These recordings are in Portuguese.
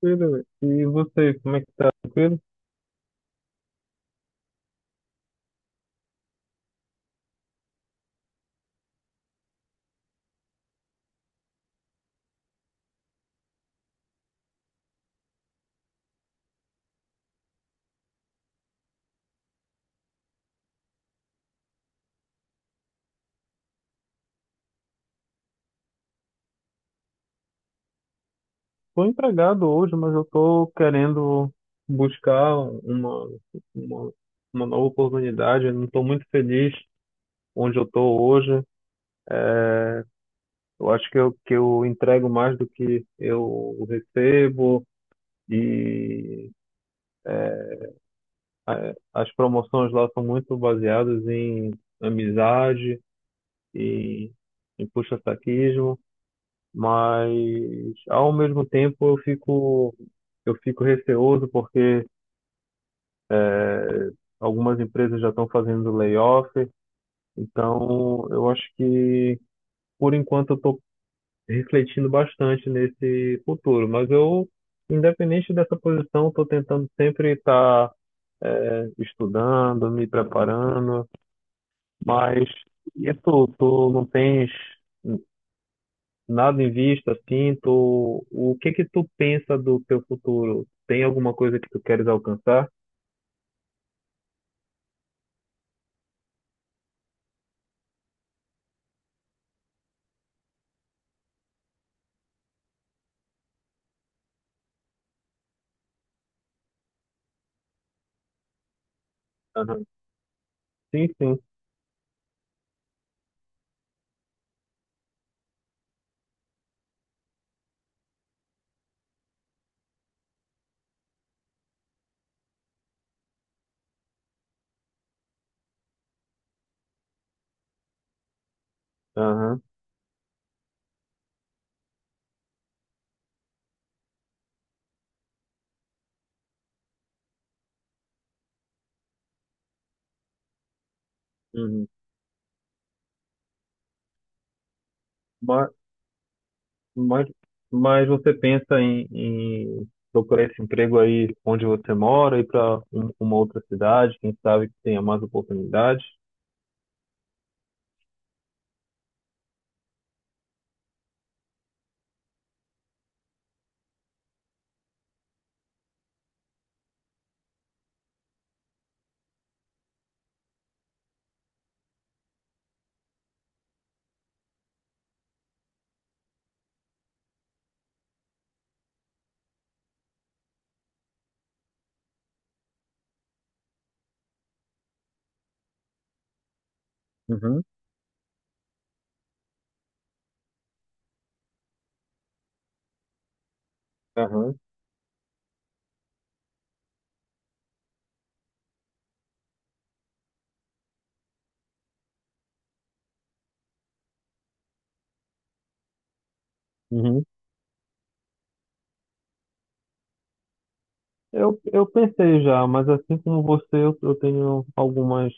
Tranquilo. E você, como é que tá? Tranquilo? Tô empregado hoje, mas eu tô querendo buscar uma, uma, uma nova oportunidade. Eu não tô muito feliz onde eu tô hoje. Eu acho que eu entrego mais do que eu recebo e as promoções lá são muito baseadas em amizade e em puxa-saquismo. Mas ao mesmo tempo eu fico receoso porque algumas empresas já estão fazendo layoff, então eu acho que por enquanto eu estou refletindo bastante nesse futuro, mas eu, independente dessa posição, estou tentando sempre estar estudando, me preparando. Mas e tu não tens nada em vista, assim? Tu, o que que tu pensa do teu futuro? Tem alguma coisa que tu queres alcançar? Aham. Sim, sim. Aham. Uhum. Mas, mas, mas você pensa em, procurar esse emprego aí onde você mora, ir para uma outra cidade, quem sabe que tenha mais oportunidades? Uhum. Aham. Uhum. Eu pensei já, mas assim como você, eu tenho algumas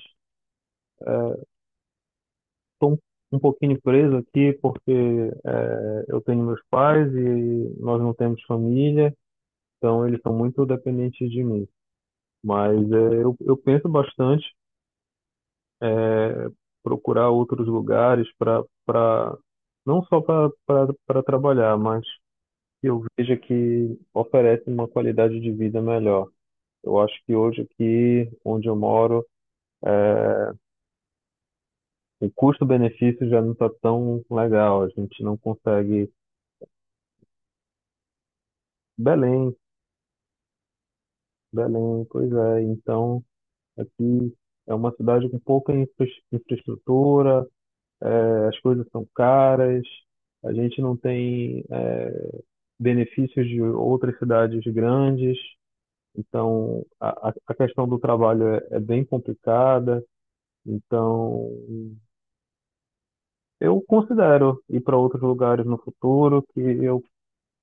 estou um pouquinho preso aqui porque eu tenho meus pais e nós não temos família, então eles são muito dependentes de mim. Mas eu penso bastante, é, procurar outros lugares para não só para trabalhar, mas que eu veja que oferece uma qualidade de vida melhor. Eu acho que hoje aqui onde eu moro, é, o custo-benefício já não está tão legal. A gente não consegue. Belém. Belém, pois é. Então, aqui é uma cidade com pouca infraestrutura, as coisas são caras, a gente não tem, benefícios de outras cidades grandes, então a questão do trabalho é bem complicada. Então, eu considero ir para outros lugares no futuro que eu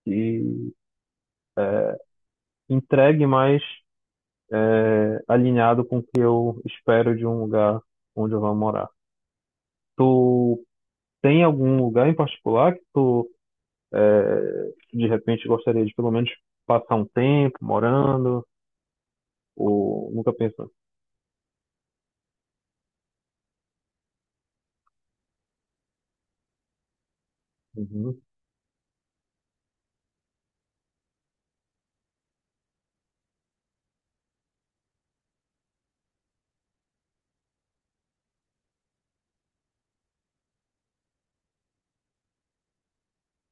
que entregue mais, alinhado com o que eu espero de um lugar onde eu vou morar. Tu tem algum lugar em particular que tu, de repente, gostaria de pelo menos passar um tempo morando? Ou nunca pensou? Uhum.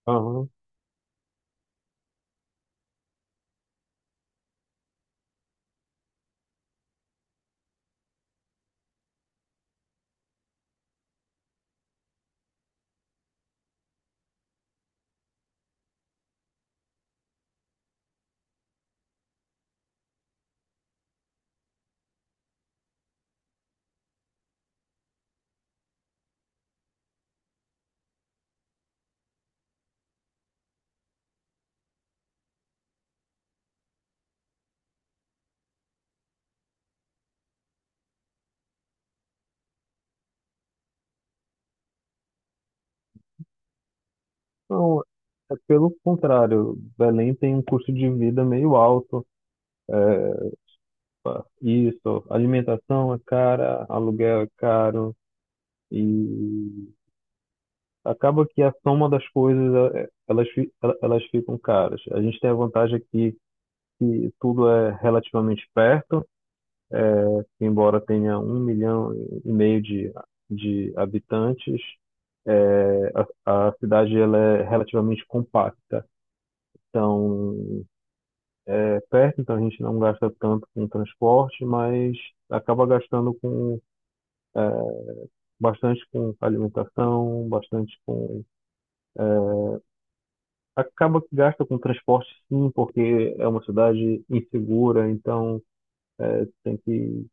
Aham. Não, é pelo contrário. Belém tem um custo de vida meio alto. eh, Isso, alimentação é cara, aluguel é caro e acaba que a soma das coisas elas ficam caras. A gente tem a vantagem aqui que tudo é relativamente perto, embora tenha 1,5 milhão de habitantes. é, a cidade ela é relativamente compacta. Então, é perto, então a gente não gasta tanto com transporte, mas acaba gastando com, é, bastante com alimentação, bastante com, é, acaba que gasta com transporte sim, porque é uma cidade insegura, então é, tem que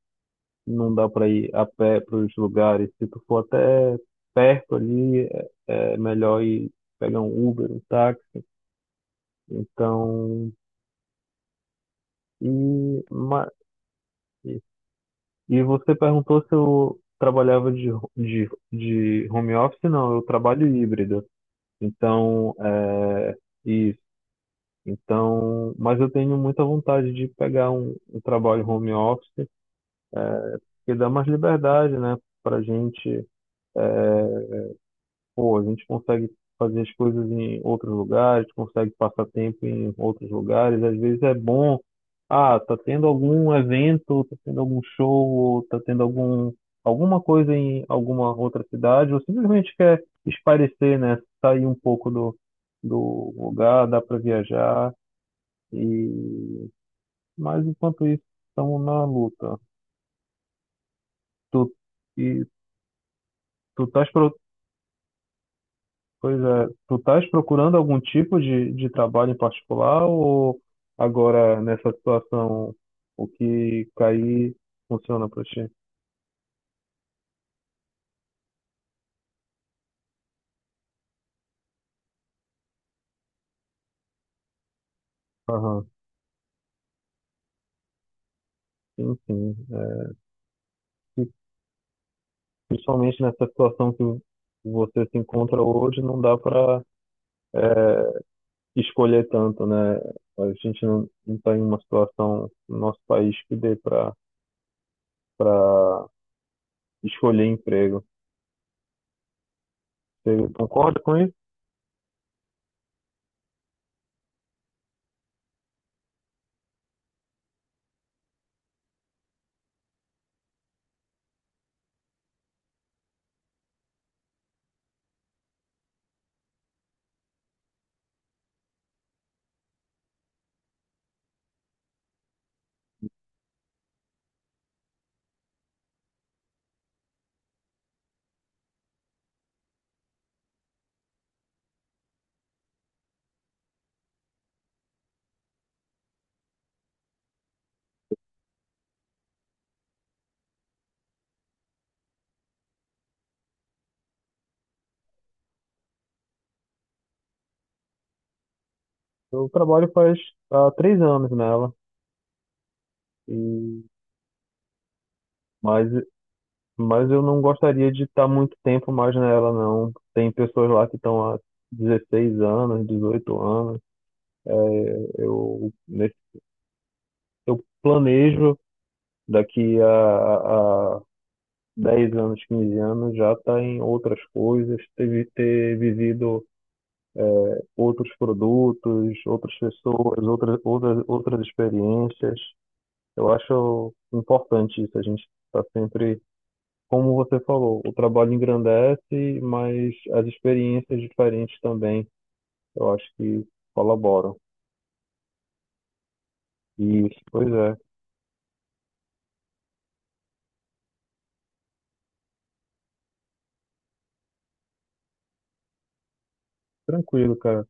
não dá para ir a pé para os lugares. Se tu for até perto ali, é melhor ir pegar um Uber, um táxi. Então, e, ma- e e você perguntou se eu trabalhava de, de home office? Não, eu trabalho híbrido. Então, isso. Então, mas eu tenho muita vontade de pegar um trabalho home office, que dá mais liberdade, né, para gente. Pô, a gente consegue fazer as coisas em outros lugares, consegue passar tempo em outros lugares. Às vezes é bom, ah, tá tendo algum evento, tá tendo algum show, ou tá tendo alguma coisa em alguma outra cidade, ou simplesmente quer espairecer, né? Sair um pouco do lugar, dá para viajar. E... Mas enquanto isso, estamos na luta. Tu, e tu estás Pois é, tu estás procurando algum tipo de trabalho em particular, ou agora nessa situação o que cair funciona para ti? Aham, sim, sim. E principalmente nessa situação que você se encontra hoje, não dá para escolher tanto, né? A gente não está em uma situação no nosso país que dê para para escolher emprego. Você concorda com isso? Eu trabalho faz há 3 anos nela, e, mas Mas eu não gostaria de estar muito tempo mais nela, não. Tem pessoas lá que estão há 16 anos, 18 anos. É, Eu, nesse, eu planejo daqui a 10 anos, 15 anos, já estar em outras coisas, ter vivido, é, outros produtos, outras pessoas, outras experiências. Eu acho importante isso. A gente está sempre, como você falou, o trabalho engrandece, mas as experiências diferentes também, eu acho que colaboram. Isso, pois é. Tranquilo, cara.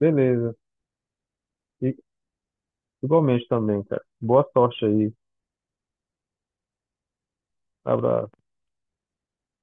Beleza. E igualmente também, cara. Boa sorte aí. Abraço.